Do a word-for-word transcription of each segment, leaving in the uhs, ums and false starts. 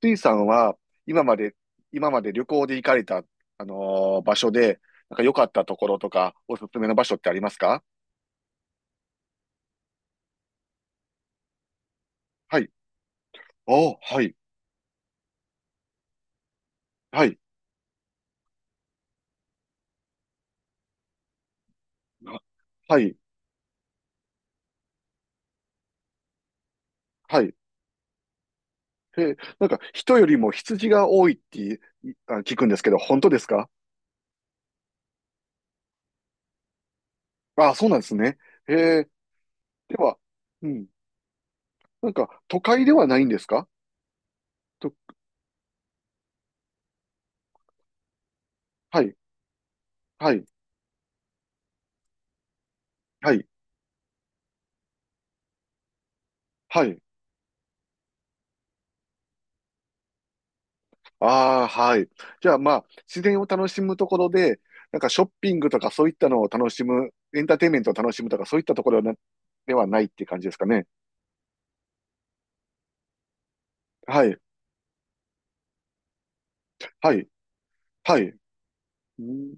スイさんは、今まで、今まで旅行で行かれた、あのー場所で、なんか良かったところとか、おすすめの場所ってありますか？はい。おー、はい、はい、あ、はい、はい。え、なんか人よりも羊が多いっていあ聞くんですけど、本当ですか？ああ、そうなんですね。へ、では、うん、なんか都会ではないんですか？と、はい、はい、はい、はい。ああ、はい。じゃあまあ、自然を楽しむところで、なんかショッピングとかそういったのを楽しむ、エンターテインメントを楽しむとかそういったところな、ではないっていう感じですかね。はい、はい、はい。うん、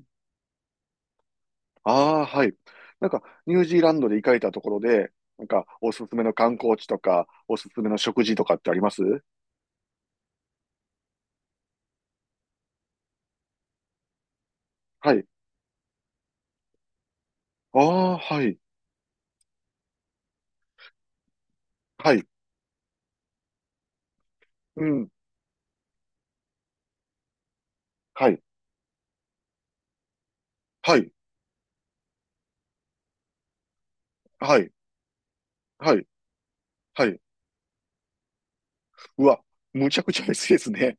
ああー、はい。なんか、ニュージーランドで行かれたところで、なんか、おすすめの観光地とか、おすすめの食事とかってあります？はい。ああ、はい、はい、うん、はい、はい、はい、はい、はい。うわ、むちゃくちゃですですね。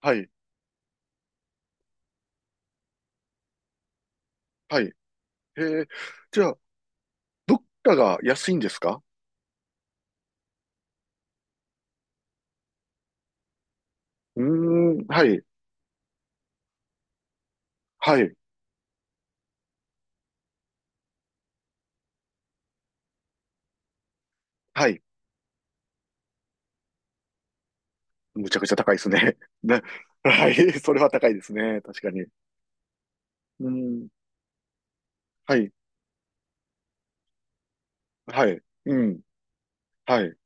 はい、はい。へえ、じゃあ、物価が安いんですか？うーん、はい、はい、はい。むちゃくちゃ高いですね。ね、はい、それは高いですね。確かに。うん、はい、はい、うん、はい。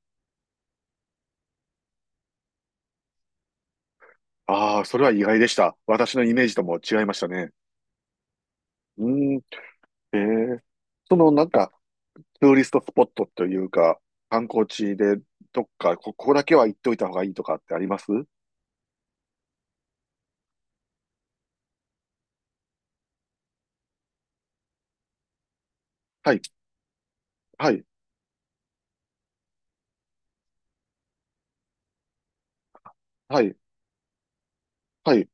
ああ、それは意外でした。私のイメージとも違いましたね。うん、えー、そのなんか、ツーリストスポットというか、観光地で、どっか、こここだけは行っておいた方がいいとかってあります？はい、はい、はい、はい、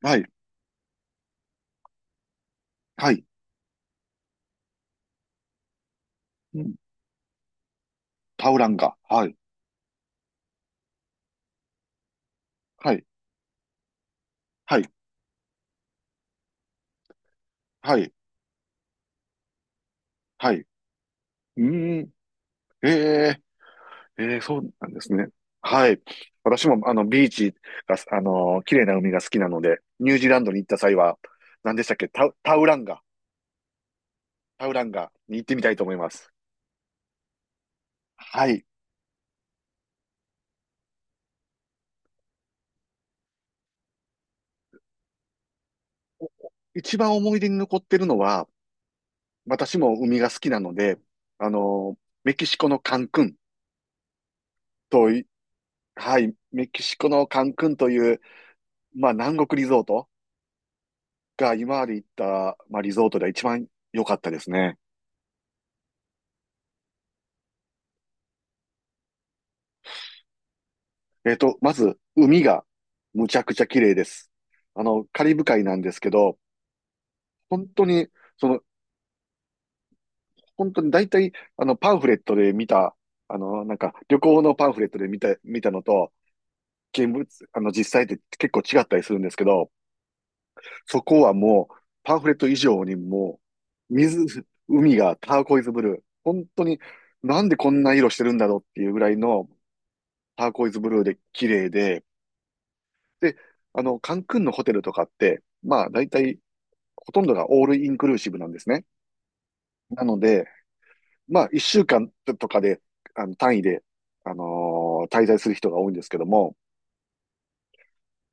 はい、はい。うん、タウランガ。はい、はい、はい、はい、はい。うーん。え、え、ええ、そうなんですね。はい。私も、あの、ビーチが、あの、綺麗な海が好きなので、ニュージーランドに行った際は、何でしたっけ、タウ、タウランガ、タウランガに行ってみたいと思います。はい。一番思い出に残ってるのは、私も海が好きなので、あの、メキシコのカンクンとい、はい、メキシコのカンクンという、まあ、南国リゾートが今まで行った、まあ、リゾートでは一番良かったですね。えっと、まず、海がむちゃくちゃ綺麗です。あの、カリブ海なんですけど、本当に、その、本当に大体、あの、パンフレットで見た、あの、なんか、旅行のパンフレットで見た、見たのと、現物、あの、実際って結構違ったりするんですけど、そこはもう、パンフレット以上にもう、水、海がターコイズブルー。本当に、なんでこんな色してるんだろうっていうぐらいのターコイズブルーで綺麗で、で、あの、カンクンのホテルとかって、まあ、大体ほとんどがオールインクルーシブなんですね。なので、まあ、一週間とかで、あの、単位で、あのー滞在する人が多いんですけども、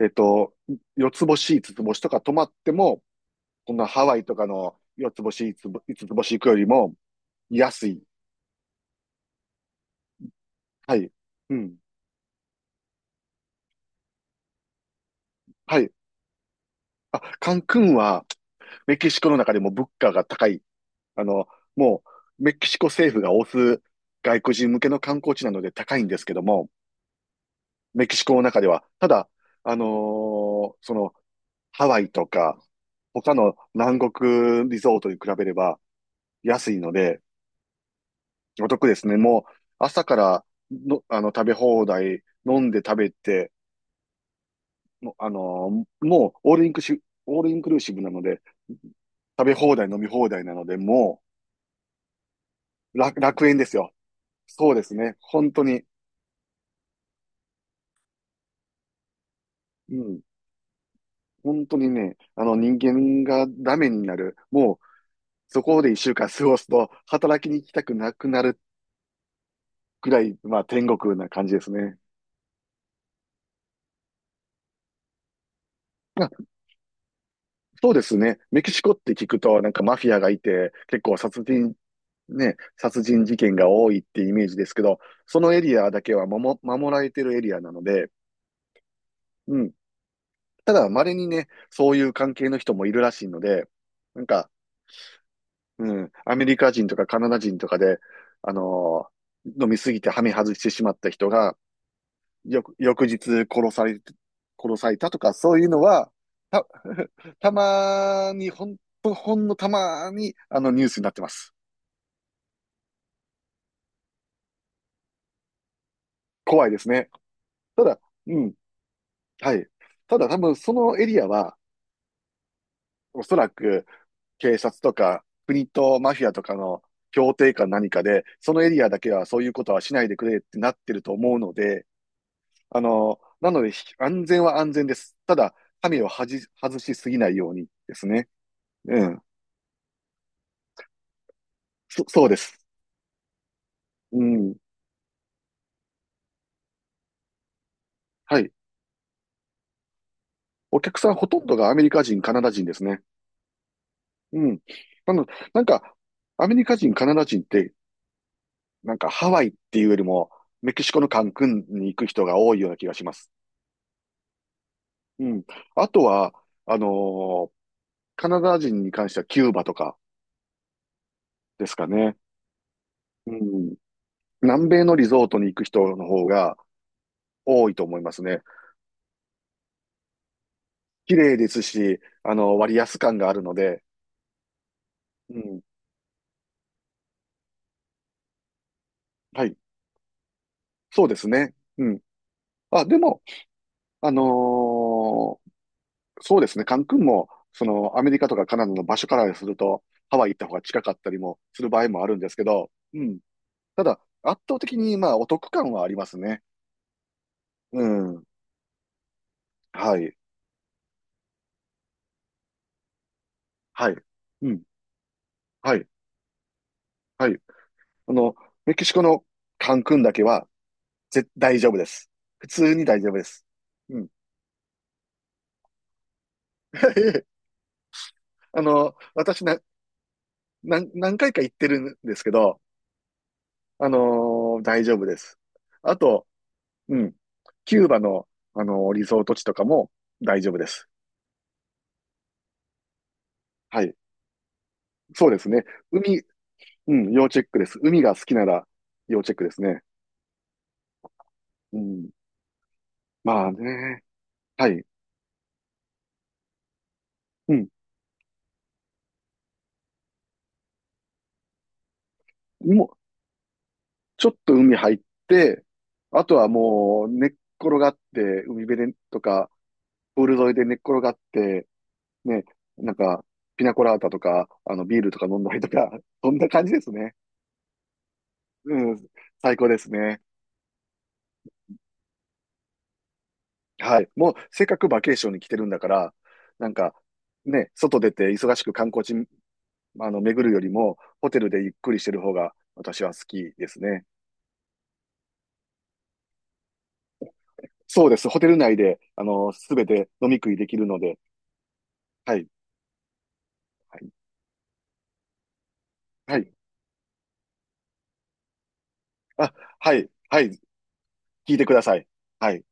えっと、四つ星、五つ星とか泊まっても、こんなハワイとかの四つ星、五つ五つ星行くよりも安い。はい。うん。はい。あ、カンクンはメキシコの中でも物価が高い。あの、もうメキシコ政府が推す外国人向けの観光地なので高いんですけども、メキシコの中では。ただ、あのーその、ハワイとか、他の南国リゾートに比べれば安いので、お得ですね。もう、朝からの、あの、食べ放題、飲んで食べて、もうあのーもう、オールインクシ、オールインクルーシブなので、食べ放題、飲み放題なので、もう、楽、楽園ですよ。そうですね。本当に。うん。本当にね、あの人間がダメになる、もうそこで一週間過ごすと、働きに行きたくなくなるくらい、まあ、天国な感じですね。まあ、そうですね。メキシコって聞くと、なんかマフィアがいて、結構殺人、ね、殺人事件が多いってイメージですけど、そのエリアだけは守、守られてるエリアなので、うん。ただ、稀にね、そういう関係の人もいるらしいので、なんか、うん、アメリカ人とかカナダ人とかで、あのー飲みすぎてハメ外してしまった人が、翌、翌日殺され、殺されたとか、そういうのは、た、たまに、ほんと、ほんのたまに、あの、ニュースになってます。怖いですね。ただ、うん、はい。ただ多分、そのエリアは、おそらく、警察とか、国とマフィアとかの協定か何かで、そのエリアだけはそういうことはしないでくれってなってると思うので、あの、なので、ひ安全は安全です。ただ、神をはじ、外しすぎないようにですね。うん。そ、そうです。うん。はい。お客さんほとんどがアメリカ人、カナダ人ですね。うん。なの、なんか、アメリカ人、カナダ人って、なんかハワイっていうよりも、メキシコのカンクンに行く人が多いような気がします。うん。あとは、あのーカナダ人に関してはキューバとかですかね。うん。南米のリゾートに行く人の方が多いと思いますね。綺麗ですし、あの、割安感があるので、うん。はい。そうですね。うん。あ、でも、あのーそうですね、カンクンも、その、アメリカとかカナダの場所からすると、ハワイ行った方が近かったりもする場合もあるんですけど、うん。ただ、圧倒的に、まあ、お得感はありますね。うん。はい。はい。うん。はい。はい。あの、メキシコのカンクンだけは、ぜ、大丈夫です。普通に大丈夫です。うん。あの、私な、何、何回か行ってるんですけど、あのー大丈夫です。あと、うん。キューバの、あの、リゾート地とかも大丈夫です。はい。そうですね。海、うん、要チェックです。海が好きなら要チェックですね。うん。まあね。はい。うん。もう、ちょっと海入って、あとはもう寝っ転がって、海辺でとか、プール沿いで寝っ転がって、ね、なんか、ピナコラータとか、あの、ビールとか飲んだりとか、そんな感じですね。うん。最高ですね。はい。もう、せっかくバケーションに来てるんだから、なんか、ね、外出て忙しく観光地、あの、巡るよりも、ホテルでゆっくりしてる方が、私は好きですね。そうです。ホテル内で、あの、すべて飲み食いできるので、はい。はい。はい。あ、はい。はい。聞いてください。はい。